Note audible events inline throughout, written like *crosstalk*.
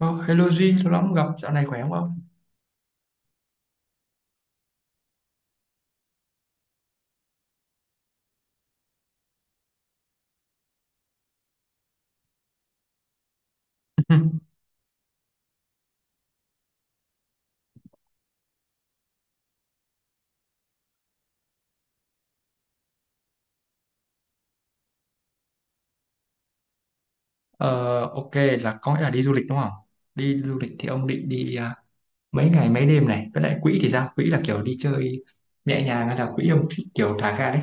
Oh, hello Jin, lâu lắm không gặp, dạo này khỏe không? *laughs* Ờ, ok, là có nghĩa là đi du lịch đúng không? Đi du lịch thì ông định đi à, mấy ngày mấy đêm này, với lại quỹ thì sao? Quỹ là kiểu đi chơi nhẹ nhàng hay là quỹ ông thích kiểu thả ga đấy?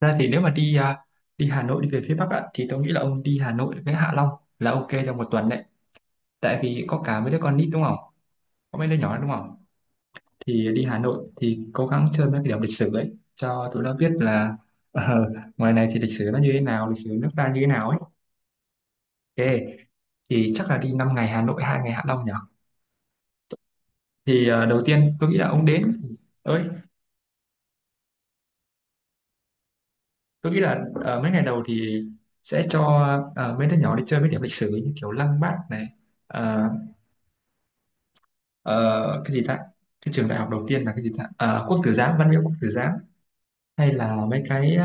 Thật ra thì nếu mà đi Hà Nội đi về phía Bắc ạ, thì tôi nghĩ là ông đi Hà Nội với Hạ Long là ok trong 1 tuần đấy. Tại vì có cả mấy đứa con nít đúng không? Có mấy đứa nhỏ đúng không? Thì đi Hà Nội thì cố gắng chơi mấy cái điểm lịch sử đấy cho tụi nó biết là ờ, *laughs* ngoài này thì lịch sử nó như thế nào, lịch sử nước ta như thế nào ấy. Ê, thì chắc là đi 5 ngày Hà Nội, 2 ngày Hạ Long nhỉ? Thì đầu tiên tôi nghĩ là ông đến ơi, tôi nghĩ là mấy ngày đầu thì sẽ cho mấy đứa nhỏ đi chơi mấy điểm lịch sử như kiểu Lăng Bác này, ờ, ờ, cái gì ta? Cái trường đại học đầu tiên là cái gì ta? Ờ, Quốc Tử Giám, Văn Miếu Quốc Tử Giám hay là mấy cái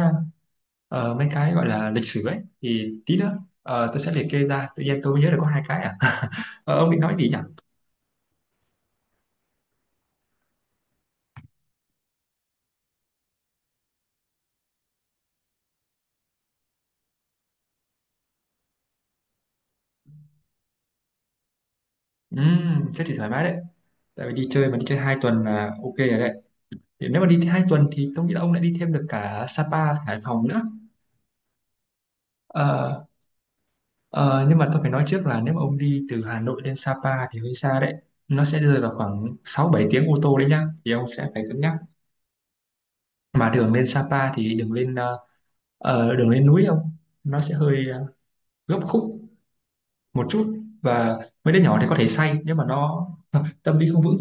ờ, mấy cái gọi là lịch sử ấy thì tí nữa tôi sẽ liệt kê ra, tự nhiên tôi mới nhớ được có hai cái à. *laughs* Ông định nói gì nhỉ? Thế thì thoải mái đấy. Tại vì đi chơi mà đi chơi 2 tuần là ok rồi đấy. Thì nếu mà đi 2 tuần thì tôi nghĩ là ông lại đi thêm được cả Sapa và Hải Phòng nữa. Ờ, ờ, nhưng mà tôi phải nói trước là nếu mà ông đi từ Hà Nội lên Sapa thì hơi xa đấy, nó sẽ rơi vào khoảng 6-7 tiếng ô tô đấy nhá, thì ông sẽ phải cân nhắc. Mà đường lên Sapa thì đường lên núi ông, nó sẽ hơi gấp khúc một chút, và mấy đứa nhỏ thì có thể say nhưng mà nó *laughs* tâm lý không vững.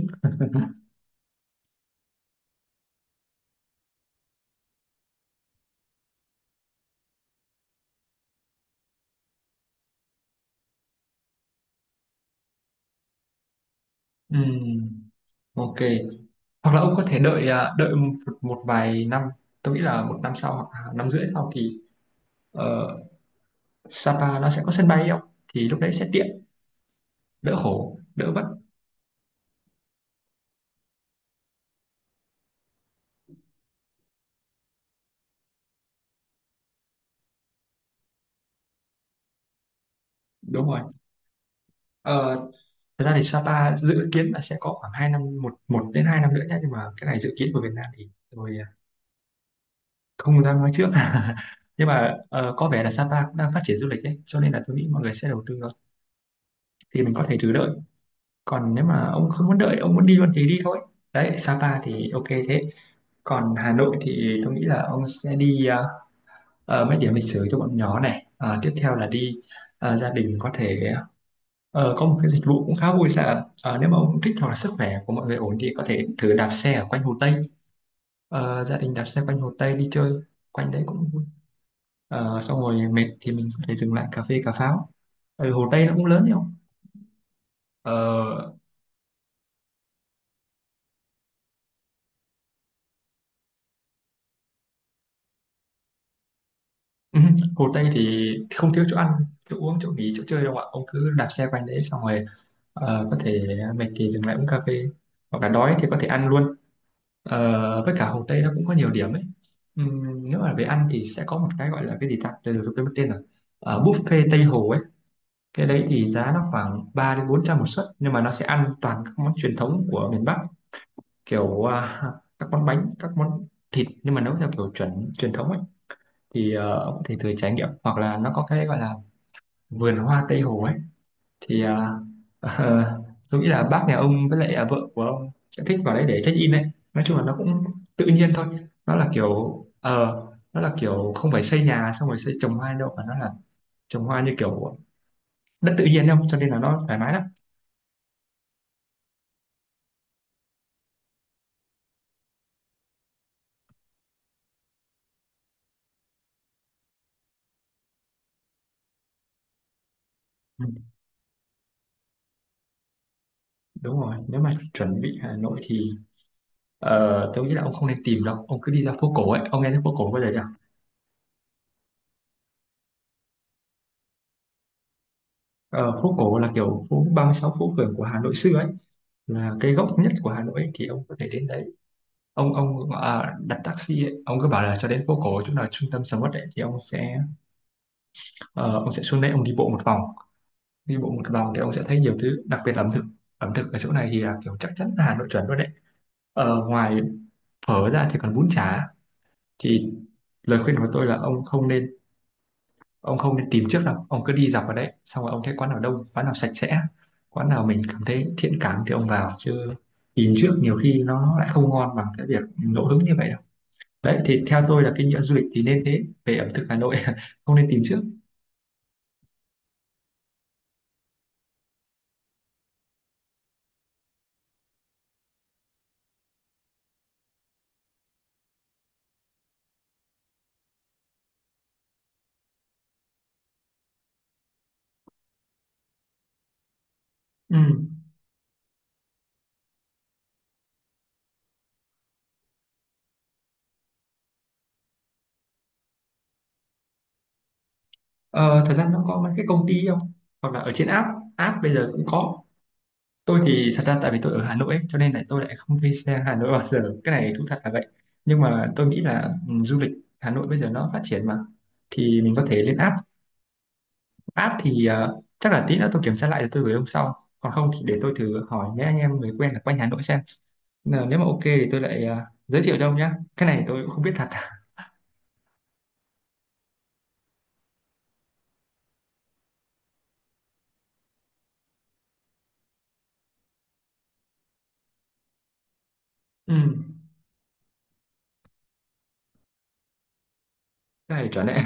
Ừm, ok, hoặc là ông có thể đợi à, đợi một vài năm. Tôi nghĩ là 1 năm sau hoặc là năm rưỡi sau thì Ờ, Sapa nó sẽ có sân bay không, thì lúc đấy sẽ tiện, đỡ khổ đỡ vất. Đúng rồi. Ờ, thật ra thì Sapa dự kiến là sẽ có khoảng 2 năm, một một đến 2 năm nữa nhé, nhưng mà cái này dự kiến của Việt Nam thì tôi à, không dám nói trước. *laughs* Nhưng mà có vẻ là Sapa cũng đang phát triển du lịch đấy cho nên là tôi nghĩ mọi người sẽ đầu tư thôi. Thì mình có thể thử đợi, còn nếu mà ông không muốn đợi, ông muốn đi luôn thì đi thôi. Đấy, Sapa thì ok thế. Còn Hà Nội thì tôi nghĩ là ông sẽ đi à, mấy điểm lịch sử cho bọn nhỏ này. Ờ, tiếp theo là đi gia đình có thể có một cái dịch vụ cũng khá vui sao. Ờ, nếu mà ông thích hoặc là sức khỏe của mọi người ổn thì có thể thử đạp xe ở quanh Hồ Tây. Gia đình đạp xe quanh Hồ Tây đi chơi quanh đấy cũng vui. Xong rồi mệt thì mình có thể dừng lại cà phê cà pháo. Ừ, Hồ Tây nó cũng lớn đấy không. Ờ, *laughs* Hồ Tây thì không thiếu chỗ ăn chỗ uống chỗ nghỉ chỗ chơi đâu ạ, ông cứ đạp xe quanh đấy xong rồi có thể mệt thì dừng lại uống cà phê, hoặc là đói thì có thể ăn luôn. Ờ, với cả Hồ Tây nó cũng có nhiều điểm ấy. Nếu mà về ăn thì sẽ có một cái gọi là cái gì ta, từ từ tôi quên mất tên rồi. Buffet Tây Hồ ấy, cái đấy thì giá nó khoảng 300-400 một suất, nhưng mà nó sẽ ăn toàn các món truyền thống của miền Bắc, kiểu à, *laughs* các món bánh các món thịt nhưng mà nấu theo kiểu chuẩn truyền thống ấy. Thì ông có thể thử trải nghiệm. Hoặc là nó có cái gọi là vườn hoa Tây Hồ ấy, thì à, *laughs* tôi nghĩ là bác nhà ông với lại à, vợ của ông sẽ thích vào đấy để check in đấy. Nói chung là nó cũng tự nhiên thôi. Nó là kiểu ờ nó là kiểu không phải xây nhà xong rồi xây trồng hoa đâu, mà nó là trồng hoa như kiểu đất tự nhiên không, cho nên là nó thoải mái lắm. Ừ, đúng rồi, nếu mà chuẩn bị Hà Nội thì tôi nghĩ là ông không nên tìm đâu, ông cứ đi ra phố cổ ấy, ông nghe thấy phố cổ bao giờ chưa? Ờ, phố cổ là kiểu phố 36 phố phường của Hà Nội xưa ấy, là cái gốc nhất của Hà Nội ấy, thì ông có thể đến đấy. Ông đặt taxi ấy, ông cứ bảo là cho đến phố cổ chỗ nào trung tâm sầm uất ấy, thì ông sẽ xuống đấy, ông đi bộ một vòng. Đi bộ một vòng thì ông sẽ thấy nhiều thứ, đặc biệt là ẩm thực. Ẩm thực ở chỗ này thì là kiểu chắc chắn là Hà Nội chuẩn luôn đấy. Ngoài phở ra thì còn bún chả. Thì lời khuyên của tôi là ông không nên tìm trước đâu, ông cứ đi dọc vào đấy xong rồi ông thấy quán nào đông, quán nào sạch sẽ, quán nào mình cảm thấy thiện cảm thì ông vào. Chứ tìm trước nhiều khi nó lại không ngon bằng cái việc ngẫu hứng như vậy. Đấy, thì theo tôi là cái nhựa du lịch thì nên thế, về ẩm thực Hà Nội *laughs* không nên tìm trước. Ừ. ờ, thật ra nó có mấy cái công ty không, hoặc là ở trên app. App bây giờ cũng có, tôi thì thật ra tại vì tôi ở Hà Nội ấy, cho nên là tôi lại không thuê xe Hà Nội bao giờ, cái này thú thật là vậy. Nhưng mà tôi nghĩ là ừ, du lịch Hà Nội bây giờ nó phát triển mà, thì mình có thể lên app. App thì chắc là tí nữa tôi kiểm tra lại rồi tôi gửi ông sau, còn không thì để tôi thử hỏi mấy anh em người quen là quanh Hà Nội xem. Nếu mà ok thì tôi lại giới thiệu cho ông nhé, cái này tôi cũng không biết thật. Ừ. Cái này trở nên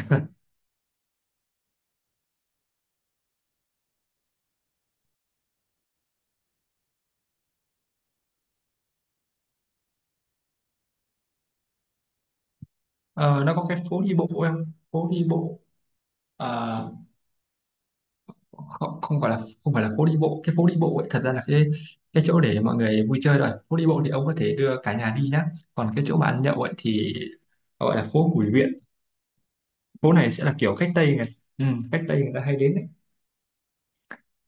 ờ, nó có cái phố đi bộ em phố đi bộ. ờ, không, không phải là phố đi bộ, cái phố đi bộ ấy, thật ra là cái chỗ để mọi người vui chơi. Rồi phố đi bộ thì ông có thể đưa cả nhà đi nhá. Còn cái chỗ mà ăn nhậu ấy thì gọi là phố Bùi Viện. Phố này sẽ là kiểu khách Tây này, ừ, khách Tây người ta hay đến ấy.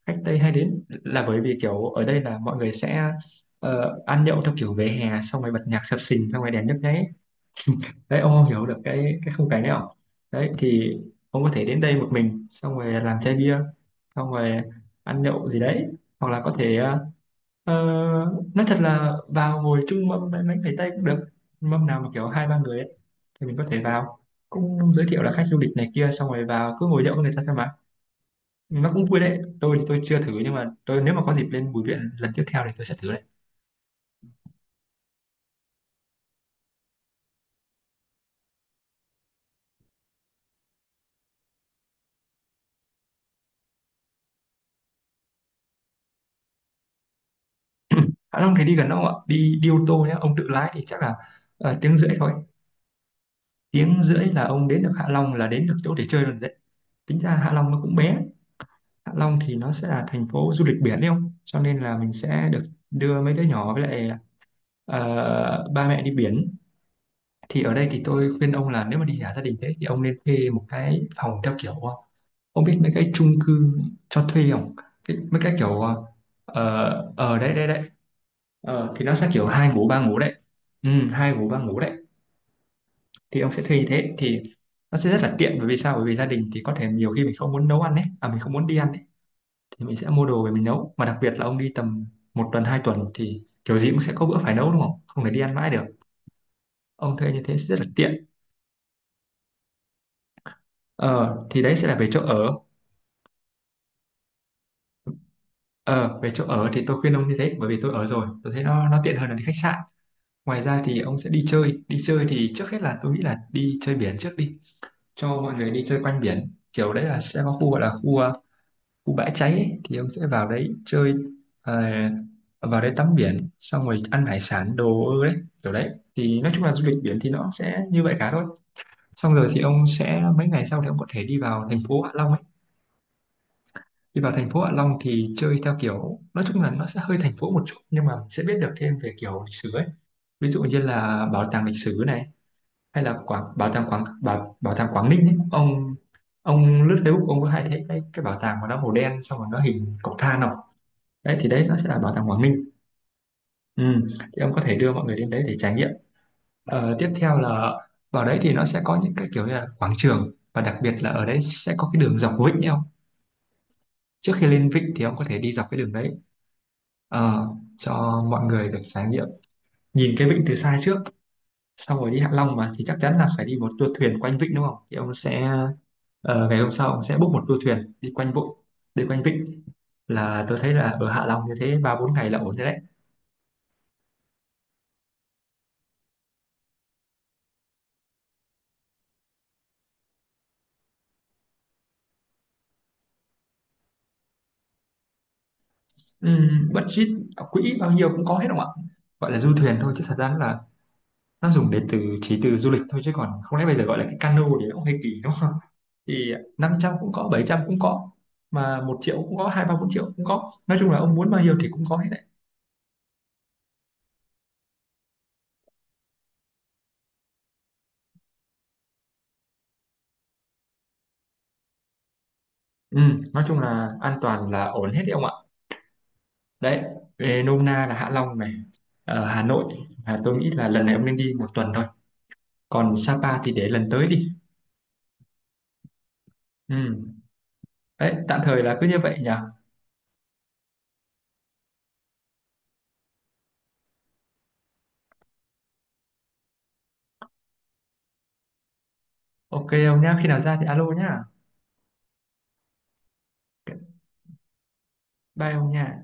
Khách Tây hay đến là bởi vì kiểu ở đây là mọi người sẽ ăn nhậu theo kiểu về hè, xong rồi bật nhạc sập sình, xong rồi đèn nhấp nháy đấy, ông không hiểu được cái khung cảnh đấy không. Đấy thì ông có thể đến đây một mình, xong rồi làm chai bia, xong rồi ăn nhậu gì đấy. Hoặc là có thể ờ, nói thật là vào ngồi chung mâm với mấy người Tây cũng được. Mâm nào mà kiểu hai ba người ấy, thì mình có thể vào, cũng giới thiệu là khách du lịch này kia, xong rồi vào cứ ngồi nhậu với người ta thôi mà. Nó cũng vui đấy, tôi thì tôi chưa thử, nhưng mà tôi nếu mà có dịp lên Bùi Viện lần tiếp theo thì tôi sẽ thử đấy. *clears throat* Hạ Long thì đi gần đâu ạ, đi đi ô tô nhé, ông tự lái thì chắc là tiếng rưỡi thôi. Tiếng rưỡi là ông đến được Hạ Long, là đến được chỗ để chơi rồi đấy. Tính ra Hạ Long nó cũng bé. Hạ Long thì nó sẽ là thành phố du lịch biển đấy không, cho nên là mình sẽ được đưa mấy đứa nhỏ với lại ba mẹ đi biển. Thì ở đây thì tôi khuyên ông là nếu mà đi cả gia đình thế thì ông nên thuê một cái phòng theo kiểu ông biết mấy cái chung cư cho thuê không, mấy cái kiểu ở đấy đấy đấy. Thì nó sẽ kiểu hai ngủ ba ngủ đấy. Ừ, hai ngủ ba ngủ đấy, thì ông sẽ thuê như thế thì nó sẽ rất là tiện, bởi vì sao? Bởi vì gia đình thì có thể nhiều khi mình không muốn nấu ăn ấy, à mình không muốn đi ăn ấy, thì mình sẽ mua đồ về mình nấu. Mà đặc biệt là ông đi tầm 1 tuần 2 tuần thì kiểu gì cũng sẽ có bữa phải nấu, đúng không? Không thể đi ăn mãi được. Ông thuê như thế sẽ rất là tiện. Ờ thì đấy sẽ là về chỗ ở. Ờ Về chỗ ở thì tôi khuyên ông như thế, bởi vì tôi ở rồi tôi thấy nó tiện hơn là đi khách sạn. Ngoài ra thì ông sẽ đi chơi. Đi chơi thì trước hết là tôi nghĩ là đi chơi biển trước đi, cho mọi người đi chơi quanh biển. Kiểu đấy là sẽ có khu gọi là khu Bãi Cháy ấy, thì ông sẽ vào đấy chơi. ờ, Vào đấy tắm biển xong rồi ăn hải sản đồ ơ đấy, kiểu đấy. Thì nói chung là du lịch biển thì nó sẽ như vậy cả thôi. Xong rồi thì ông sẽ mấy ngày sau thì ông có thể đi vào thành phố Hạ Long ấy. Đi vào thành phố Hạ Long thì chơi theo kiểu nói chung là nó sẽ hơi thành phố một chút, nhưng mà mình sẽ biết được thêm về kiểu lịch sử ấy. Ví dụ như là bảo tàng lịch sử này, hay là quảng bảo tàng quảng bảo, bảo tàng Quảng Ninh ấy. Ông lướt Facebook ông có hay thấy cái bảo tàng mà nó màu đen xong rồi nó hình cọc than không? Đấy thì đấy nó sẽ là bảo tàng Quảng Ninh. Ừ, thì ông có thể đưa mọi người đến đấy để trải nghiệm. Ờ, tiếp theo là vào đấy thì nó sẽ có những cái kiểu như là quảng trường, và đặc biệt là ở đấy sẽ có cái đường dọc Vịnh nhé ông. Trước khi lên Vịnh thì ông có thể đi dọc cái đường đấy, Ờ, cho mọi người được trải nghiệm, nhìn cái Vịnh từ xa trước. Xong rồi đi Hạ Long mà thì chắc chắn là phải đi một tour thuyền quanh Vịnh, đúng không? Thì ông sẽ, ngày hôm sau ông sẽ book một tour thuyền đi quanh Vịnh, đi quanh Vịnh là tôi thấy là ở Hạ Long như thế ba bốn ngày là ổn rồi đấy. Budget ở quỹ bao nhiêu cũng có hết không ạ? Gọi là du thuyền thôi chứ thật ra là nó dùng để từ chỉ từ du lịch thôi, chứ còn không lẽ bây giờ gọi là cái cano thì nó cũng hơi kỳ đúng không? Thì 500 cũng có, 700 cũng có, mà 1 triệu cũng có, 2, 3, 4 triệu cũng có. Nói chung là ông muốn bao nhiêu thì cũng có hết đấy. Nói chung là an toàn là ổn hết đấy ông ạ. Đấy, về nôm na là Hạ Long này, ở Hà Nội là tôi nghĩ là lần này ông nên đi 1 tuần thôi. Còn Sapa thì để lần tới đi. Ừm. Đấy, tạm thời là cứ như vậy nhỉ. Ok ông nhá, khi nào ra thì alo nhá. Đây không nha